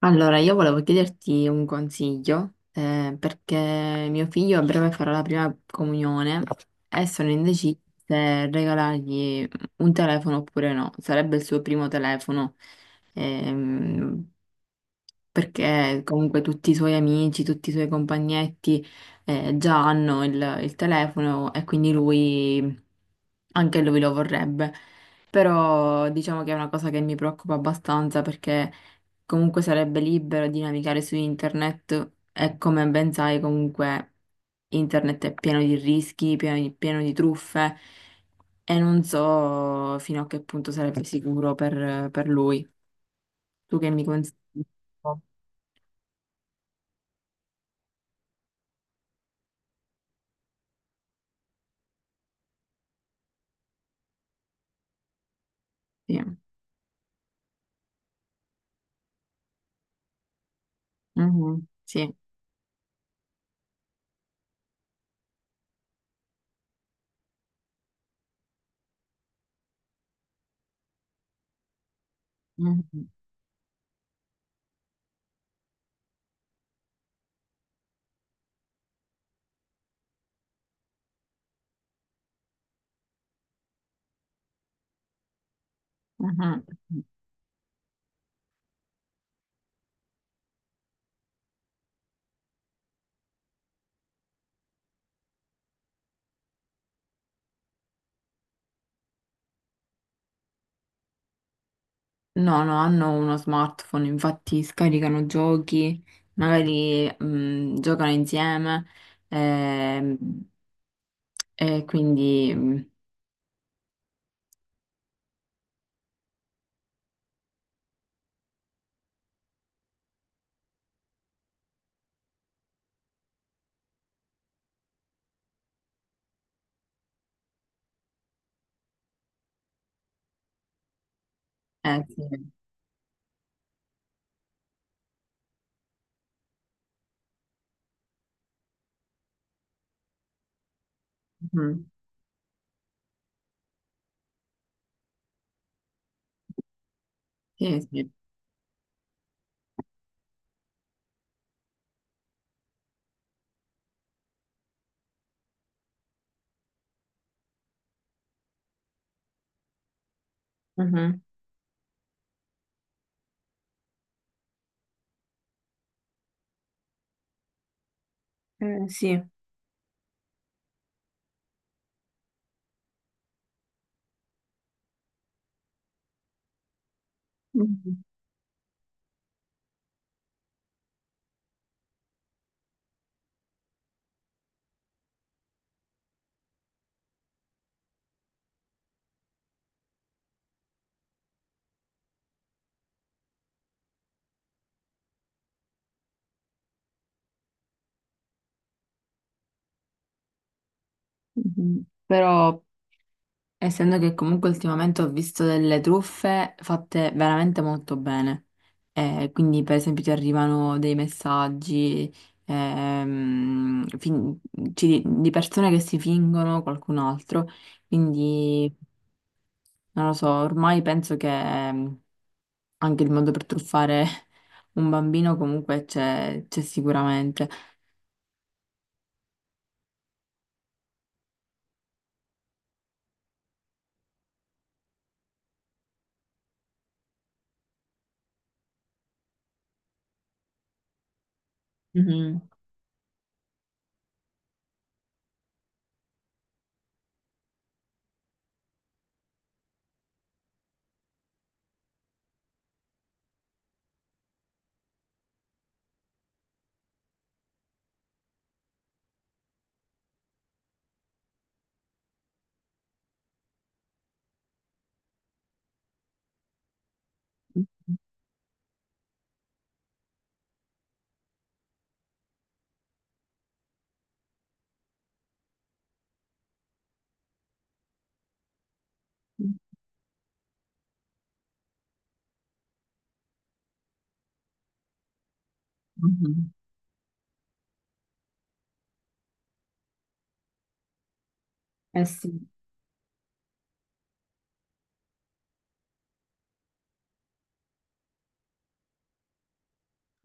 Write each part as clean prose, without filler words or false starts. Allora, io volevo chiederti un consiglio, perché mio figlio a breve farà la prima comunione e sono indecisa se regalargli un telefono oppure no. Sarebbe il suo primo telefono, ehm, perché comunque tutti i suoi amici, tutti i suoi compagnetti, già hanno il telefono e quindi lui, anche lui lo vorrebbe. Però diciamo che è una cosa che mi preoccupa abbastanza perché comunque sarebbe libero di navigare su internet e come ben sai comunque internet è pieno di rischi, pieno di truffe e non so fino a che punto sarebbe sicuro per lui. Tu che mi consigli? Sì. Mhm, sì. Mhm, mhm. No, no, hanno uno smartphone, infatti scaricano giochi, magari giocano insieme, ehm, e quindi... mh, sì. Mm, sì, sì. Mhm. Sì. Mhm, mhm. Però essendo che comunque ultimamente ho visto delle truffe fatte veramente molto bene. Quindi per esempio ti arrivano dei messaggi, ehm, fin- di persone che si fingono qualcun altro, quindi non lo so, ormai penso che anche il modo per truffare un bambino comunque c'è sicuramente. Mhm. Mhm. Eh sì,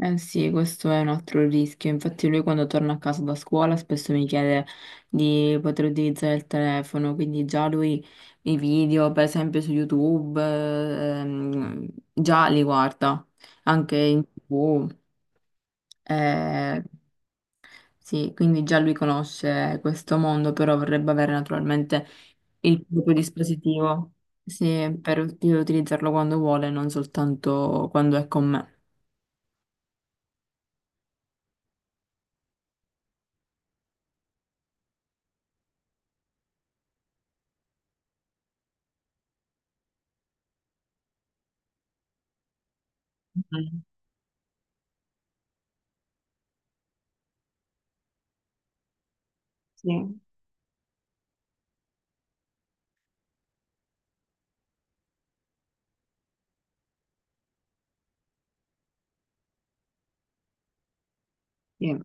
eh sì, questo è un altro rischio. Infatti lui quando torna a casa da scuola spesso mi chiede di poter utilizzare il telefono, quindi già lui i video, per esempio su YouTube, già li guarda, anche in TV. Eh, sì, quindi già lui conosce questo mondo, però vorrebbe avere naturalmente il proprio dispositivo, sì, per utilizzarlo quando vuole, non soltanto quando è con me. Sì, sì,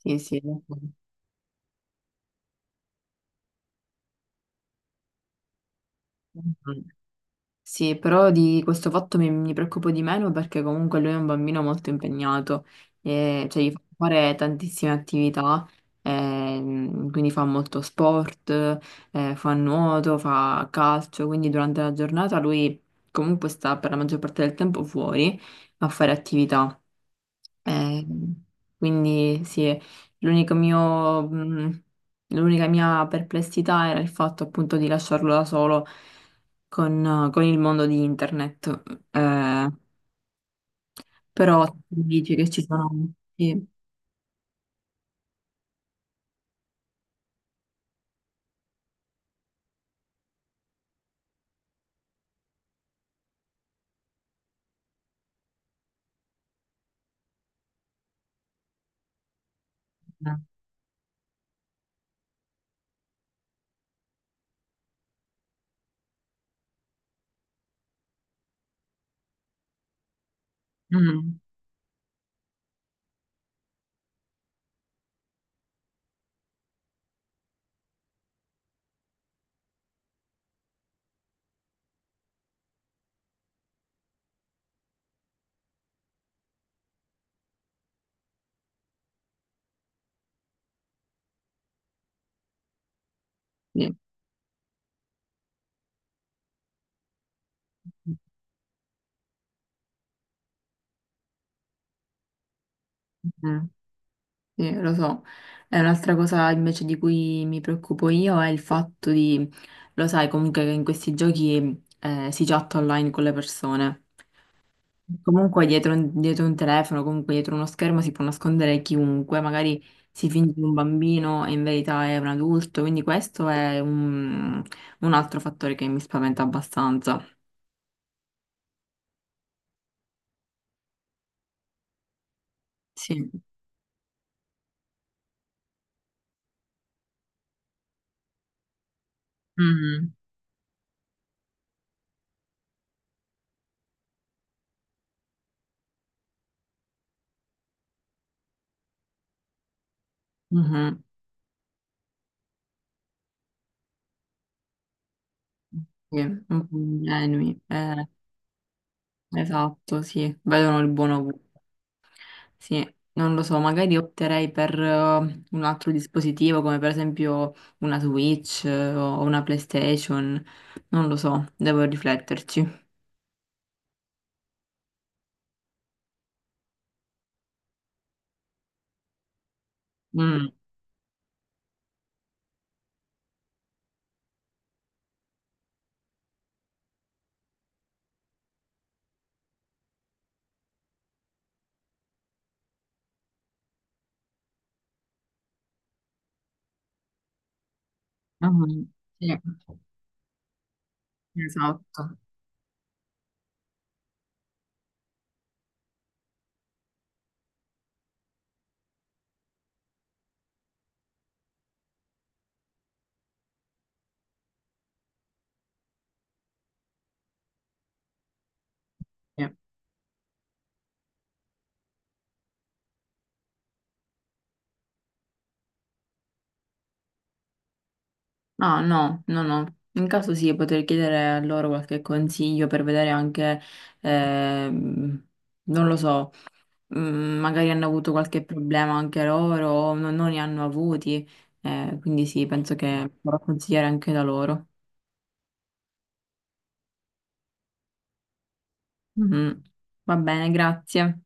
sì, sì, d'accordo. Mhm. Sì, però di questo fatto mi preoccupo di meno perché comunque lui è un bambino molto impegnato, e, cioè gli fa fare tantissime attività, quindi fa molto sport, fa nuoto, fa calcio, quindi durante la giornata lui comunque sta per la maggior parte del tempo fuori a fare attività. Eh, quindi sì, l'unico mio, mh, l'unica mia perplessità era il fatto appunto di lasciarlo da solo con il mondo di internet. Eh, però tu dici che ci sono... Sì, eh, mm, sì, mm, sì, lo so. E un'altra cosa invece di cui mi preoccupo io è il fatto di, lo sai comunque che in questi giochi si chatta online con le persone. Comunque dietro un telefono, comunque dietro uno schermo si può nascondere chiunque, magari si finge un bambino e in verità è un adulto, quindi questo è un altro fattore che mi spaventa abbastanza. Sì. Mhm. Mhm. Sì, un po' ingenui. Esatto, sì, vedono il buono ovunque. Sì, non lo so, magari opterei per un altro dispositivo come per esempio una Switch o una PlayStation, non lo so, devo rifletterci. Mm, mhm, sì, esatto. Sì. No, no, no, no. In caso sì, potrei chiedere a loro qualche consiglio per vedere anche, ehm, non lo so. Mm, magari hanno avuto qualche problema anche loro, o non ne hanno avuti, quindi sì, penso che vorrò consigliare anche da loro. Mhm. Va bene, grazie.